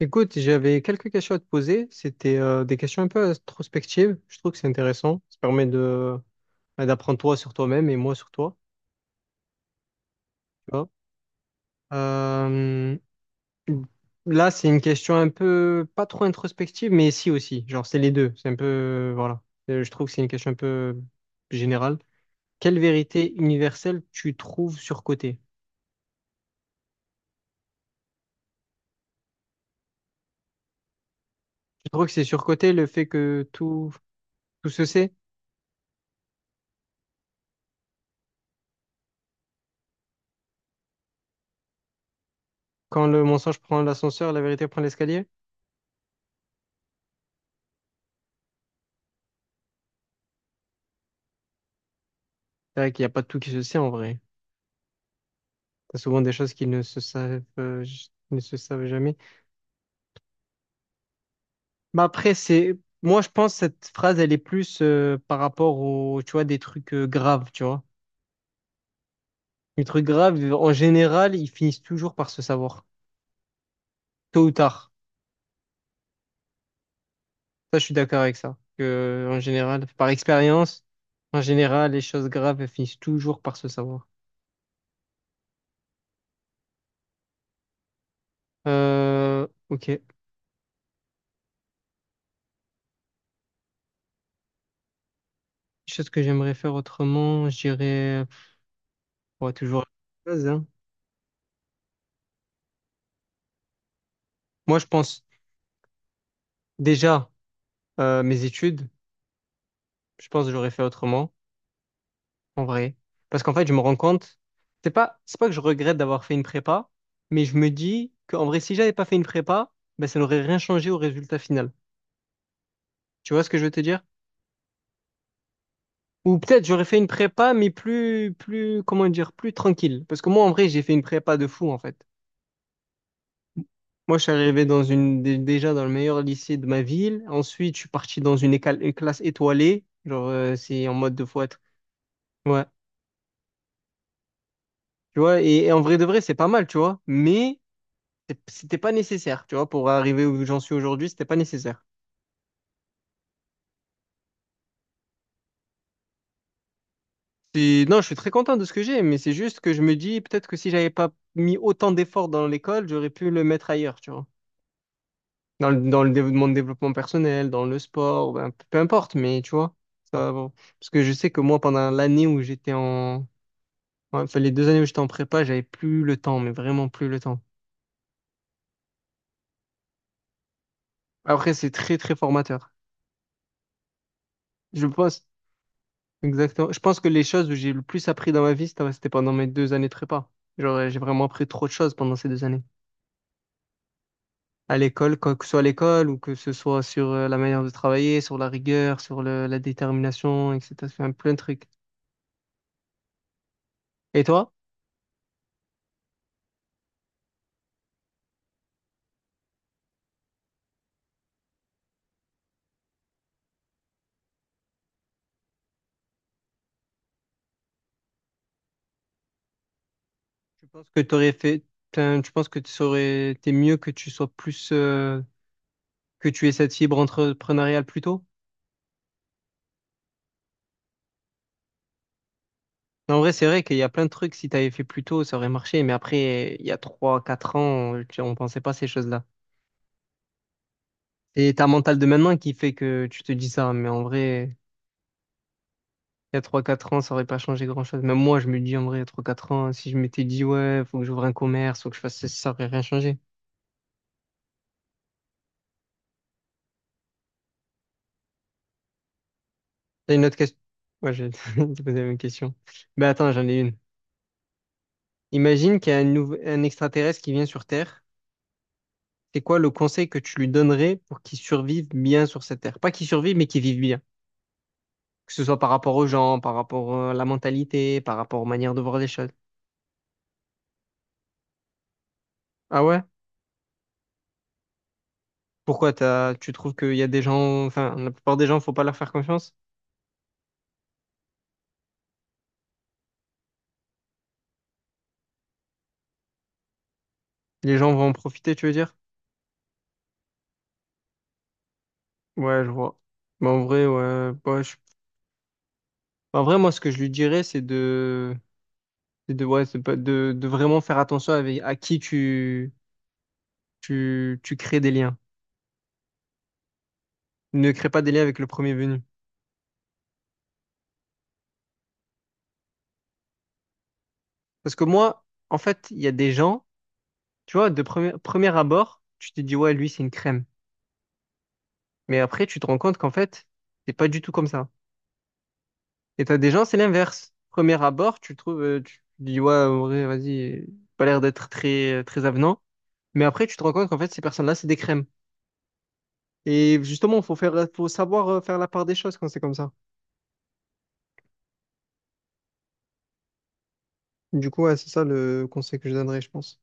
Écoute, j'avais quelques questions à te poser. C'était des questions un peu introspectives. Je trouve que c'est intéressant. Ça permet de bah, d'apprendre toi sur toi-même et moi sur toi. Tu vois. Euh, Là, c'est une question un peu pas trop introspective, mais si aussi. Genre, c'est les deux. C'est un peu voilà. Je trouve que c'est une question un peu générale. Quelle vérité universelle tu trouves surcotée? Je trouve que c'est surcoté le fait que tout se sait? Quand le mensonge prend l'ascenseur, la vérité prend l'escalier? C'est vrai qu'il n'y a pas tout qui se sait en vrai. T'as souvent des choses qui ne se savent jamais. Mais après, moi, je pense que cette phrase, elle est plus par rapport aux, tu vois, des trucs graves, tu vois. Les trucs graves, en général, ils finissent toujours par se savoir, tôt ou tard. Ça, je suis d'accord avec ça. Que, en général, par expérience, en général, les choses graves, elles finissent toujours par se savoir. Ok. Chose que j'aimerais faire autrement, j'irais, on toujours. La même chose, hein. Moi, je pense déjà mes études. Je pense que j'aurais fait autrement, en vrai. Parce qu'en fait, je me rends compte, c'est pas que je regrette d'avoir fait une prépa, mais je me dis qu'en vrai, si j'avais pas fait une prépa, ben, ça n'aurait rien changé au résultat final. Tu vois ce que je veux te dire? Ou peut-être j'aurais fait une prépa, mais comment dire, plus tranquille. Parce que moi, en vrai, j'ai fait une prépa de fou, en fait. Moi, je suis arrivé dans déjà dans le meilleur lycée de ma ville. Ensuite, je suis parti dans une classe étoilée. Genre, c'est en mode de faut être. Ouais. Tu vois, et en vrai de vrai, c'est pas mal, tu vois. Mais c'était pas nécessaire, tu vois, pour arriver où j'en suis aujourd'hui, c'était pas nécessaire. Non, je suis très content de ce que j'ai, mais c'est juste que je me dis peut-être que si j'avais pas mis autant d'efforts dans l'école, j'aurais pu le mettre ailleurs, tu vois. Dans mon développement personnel, dans le sport, ben, peu importe, mais tu vois, ça, bon. Parce que je sais que moi, pendant l'année où j'étais en, ouais, enfin, les 2 années où j'étais en prépa, j'avais plus le temps, mais vraiment plus le temps. Après, c'est très, très formateur. Je pense, exactement. Je pense que les choses où j'ai le plus appris dans ma vie, c'était pendant mes 2 années de prépa. Genre, j'ai vraiment appris trop de choses pendant ces 2 années. À l'école, quoi que ce soit à l'école, ou que ce soit sur la manière de travailler, sur la rigueur, sur la détermination, etc. Enfin, plein de trucs. Et toi? Tu penses que t'aurais fait, enfin, tu penses que tu serais, t'es mieux que tu sois plus, que tu aies cette fibre entrepreneuriale plus tôt? En vrai, c'est vrai qu'il y a plein de trucs, si t'avais fait plus tôt, ça aurait marché, mais après, il y a trois, quatre ans, on pensait pas à ces choses-là. Et t'as un mental de maintenant qui fait que tu te dis ça, mais en vrai, il y a trois quatre ans, ça aurait pas changé grand-chose. Même moi, je me dis en vrai, il y a trois quatre ans, si je m'étais dit, ouais, faut que j'ouvre un commerce, faut que je fasse ça, ça aurait rien changé. T'as une autre question? Ouais, j'ai posé la même question. Mais attends, j'en ai une. Imagine qu'il y a un extraterrestre qui vient sur Terre. C'est quoi le conseil que tu lui donnerais pour qu'il survive bien sur cette Terre? Pas qu'il survive, mais qu'il vive bien. Que ce soit par rapport aux gens, par rapport à la mentalité, par rapport aux manières de voir les choses. Ah ouais? Pourquoi tu trouves qu'il y a des gens, enfin, la plupart des gens, faut pas leur faire confiance? Les gens vont en profiter, tu veux dire? Ouais, je vois. Mais en vrai, ouais, ouais, bah, en vrai, moi, ce que je lui dirais, c'est de, ouais, c'est pas- de vraiment faire attention avec à qui tu crées des liens. Ne crée pas des liens avec le premier venu. Parce que moi, en fait, il y a des gens, tu vois, de premier abord, tu te dis, ouais, lui, c'est une crème. Mais après, tu te rends compte qu'en fait, c'est pas du tout comme ça. Et t'as des gens, c'est l'inverse. Premier abord, tu trouves, tu dis, ouais, en vrai, vas-y, pas l'air d'être très, très avenant. Mais après, tu te rends compte qu'en fait, ces personnes-là, c'est des crèmes. Et justement, faut savoir faire la part des choses quand c'est comme ça. Du coup, ouais, c'est ça le conseil que je donnerais, je pense.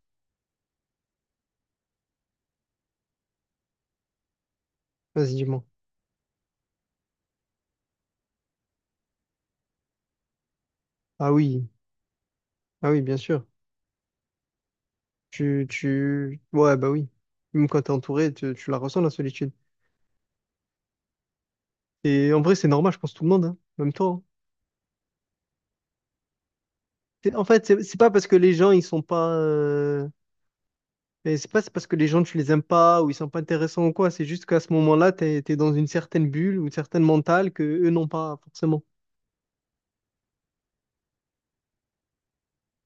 Vas-y, dis-moi. Ah oui, ah oui, bien sûr. Ouais, bah oui. Même quand t'es entouré, tu la ressens, la solitude. Et en vrai, c'est normal, je pense, tout le monde, hein. Même toi, hein. En fait, c'est pas parce que les gens, ils sont pas. Mais c'est pas c'est parce que les gens, tu les aimes pas ou ils sont pas intéressants ou quoi. C'est juste qu'à ce moment-là, t'es dans une certaine bulle ou une certaine mentale que eux n'ont pas forcément.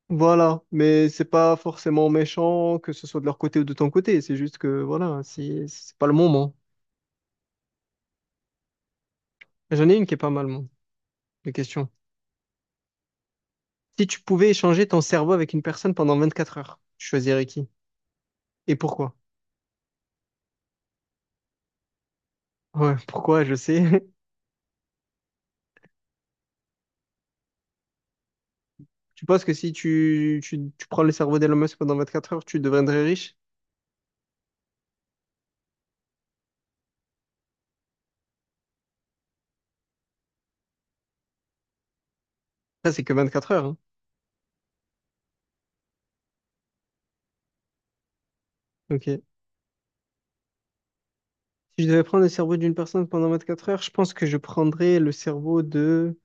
Voilà. Mais c'est pas forcément méchant, que ce soit de leur côté ou de ton côté. C'est juste que, voilà, si, c'est pas le moment. J'en ai une qui est pas mal, moi, de question. Si tu pouvais échanger ton cerveau avec une personne pendant 24 heures, tu choisirais qui? Et pourquoi? Ouais, pourquoi, je sais. Tu penses que si tu prends le cerveau d'Elon Musk pendant 24 heures, tu deviendrais riche? Ça, c'est que 24 heures, hein. Ok. Si je devais prendre le cerveau d'une personne pendant 24 heures, je pense que je prendrais le cerveau de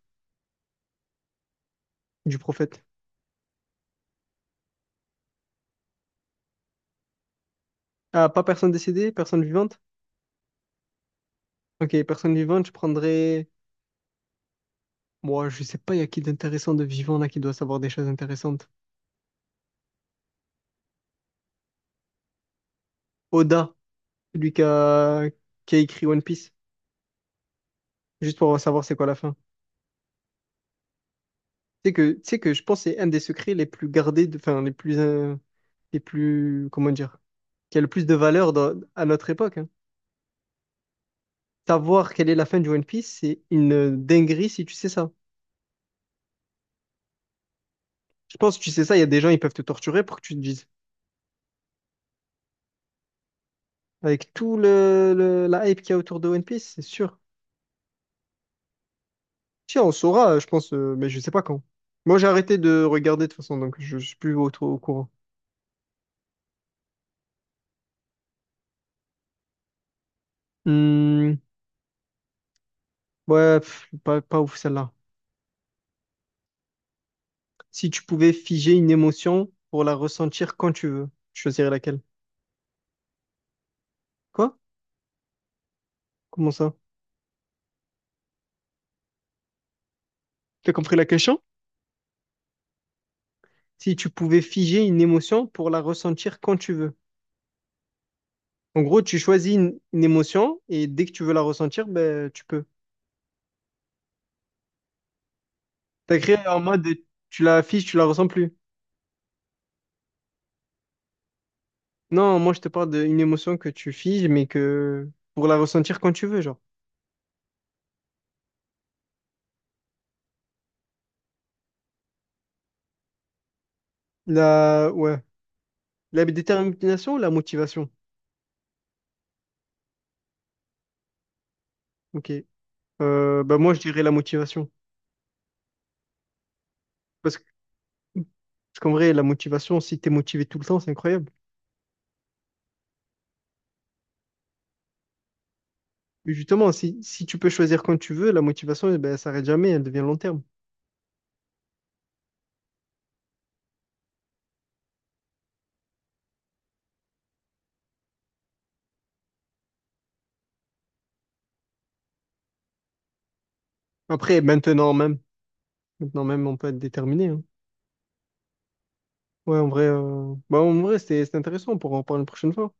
du prophète. Ah, pas personne décédée, personne vivante? Ok, personne vivante, je prendrais. Moi, je sais pas, il y a qui d'intéressant de vivant là qui doit savoir des choses intéressantes. Oda, celui qui a écrit One Piece, juste pour savoir c'est quoi la fin. Tu sais que je pense que c'est un des secrets les plus gardés, enfin les plus, les plus, comment dire? Qui a le plus de valeur à notre époque, hein. Savoir quelle est la fin du One Piece, c'est une dinguerie si tu sais ça. Je pense, tu sais ça, il y a des gens, ils peuvent te torturer pour que tu te dises. Avec tout la hype qu'il y a autour de One Piece, c'est sûr. Tiens, on saura, je pense, mais je sais pas quand. Moi, j'ai arrêté de regarder de toute façon, donc je suis plus au courant. Hmm, ouais, pff, pas ouf celle-là. Si tu pouvais figer une émotion pour la ressentir quand tu veux, tu choisirais laquelle? Quoi? Comment ça? T'as compris la question? Si tu pouvais figer une émotion pour la ressentir quand tu veux. En gros, tu choisis une émotion et dès que tu veux la ressentir, ben, tu peux. T'as créé en mode tu la figes, tu la ressens plus. Non, moi je te parle d'une émotion que tu figes, mais que pour la ressentir quand tu veux, genre. La, ouais. La détermination ou la motivation? Ok. Bah moi je dirais la motivation. Parce que, parce qu'en vrai, la motivation, si t'es motivé tout le temps, c'est incroyable. Mais justement, si tu peux choisir quand tu veux, la motivation, eh ben, elle s'arrête jamais, elle devient long terme. Après, maintenant même, on peut être déterminé, hein. Ouais, en vrai, bah, en vrai, c'était intéressant, on pourra en parler une prochaine fois.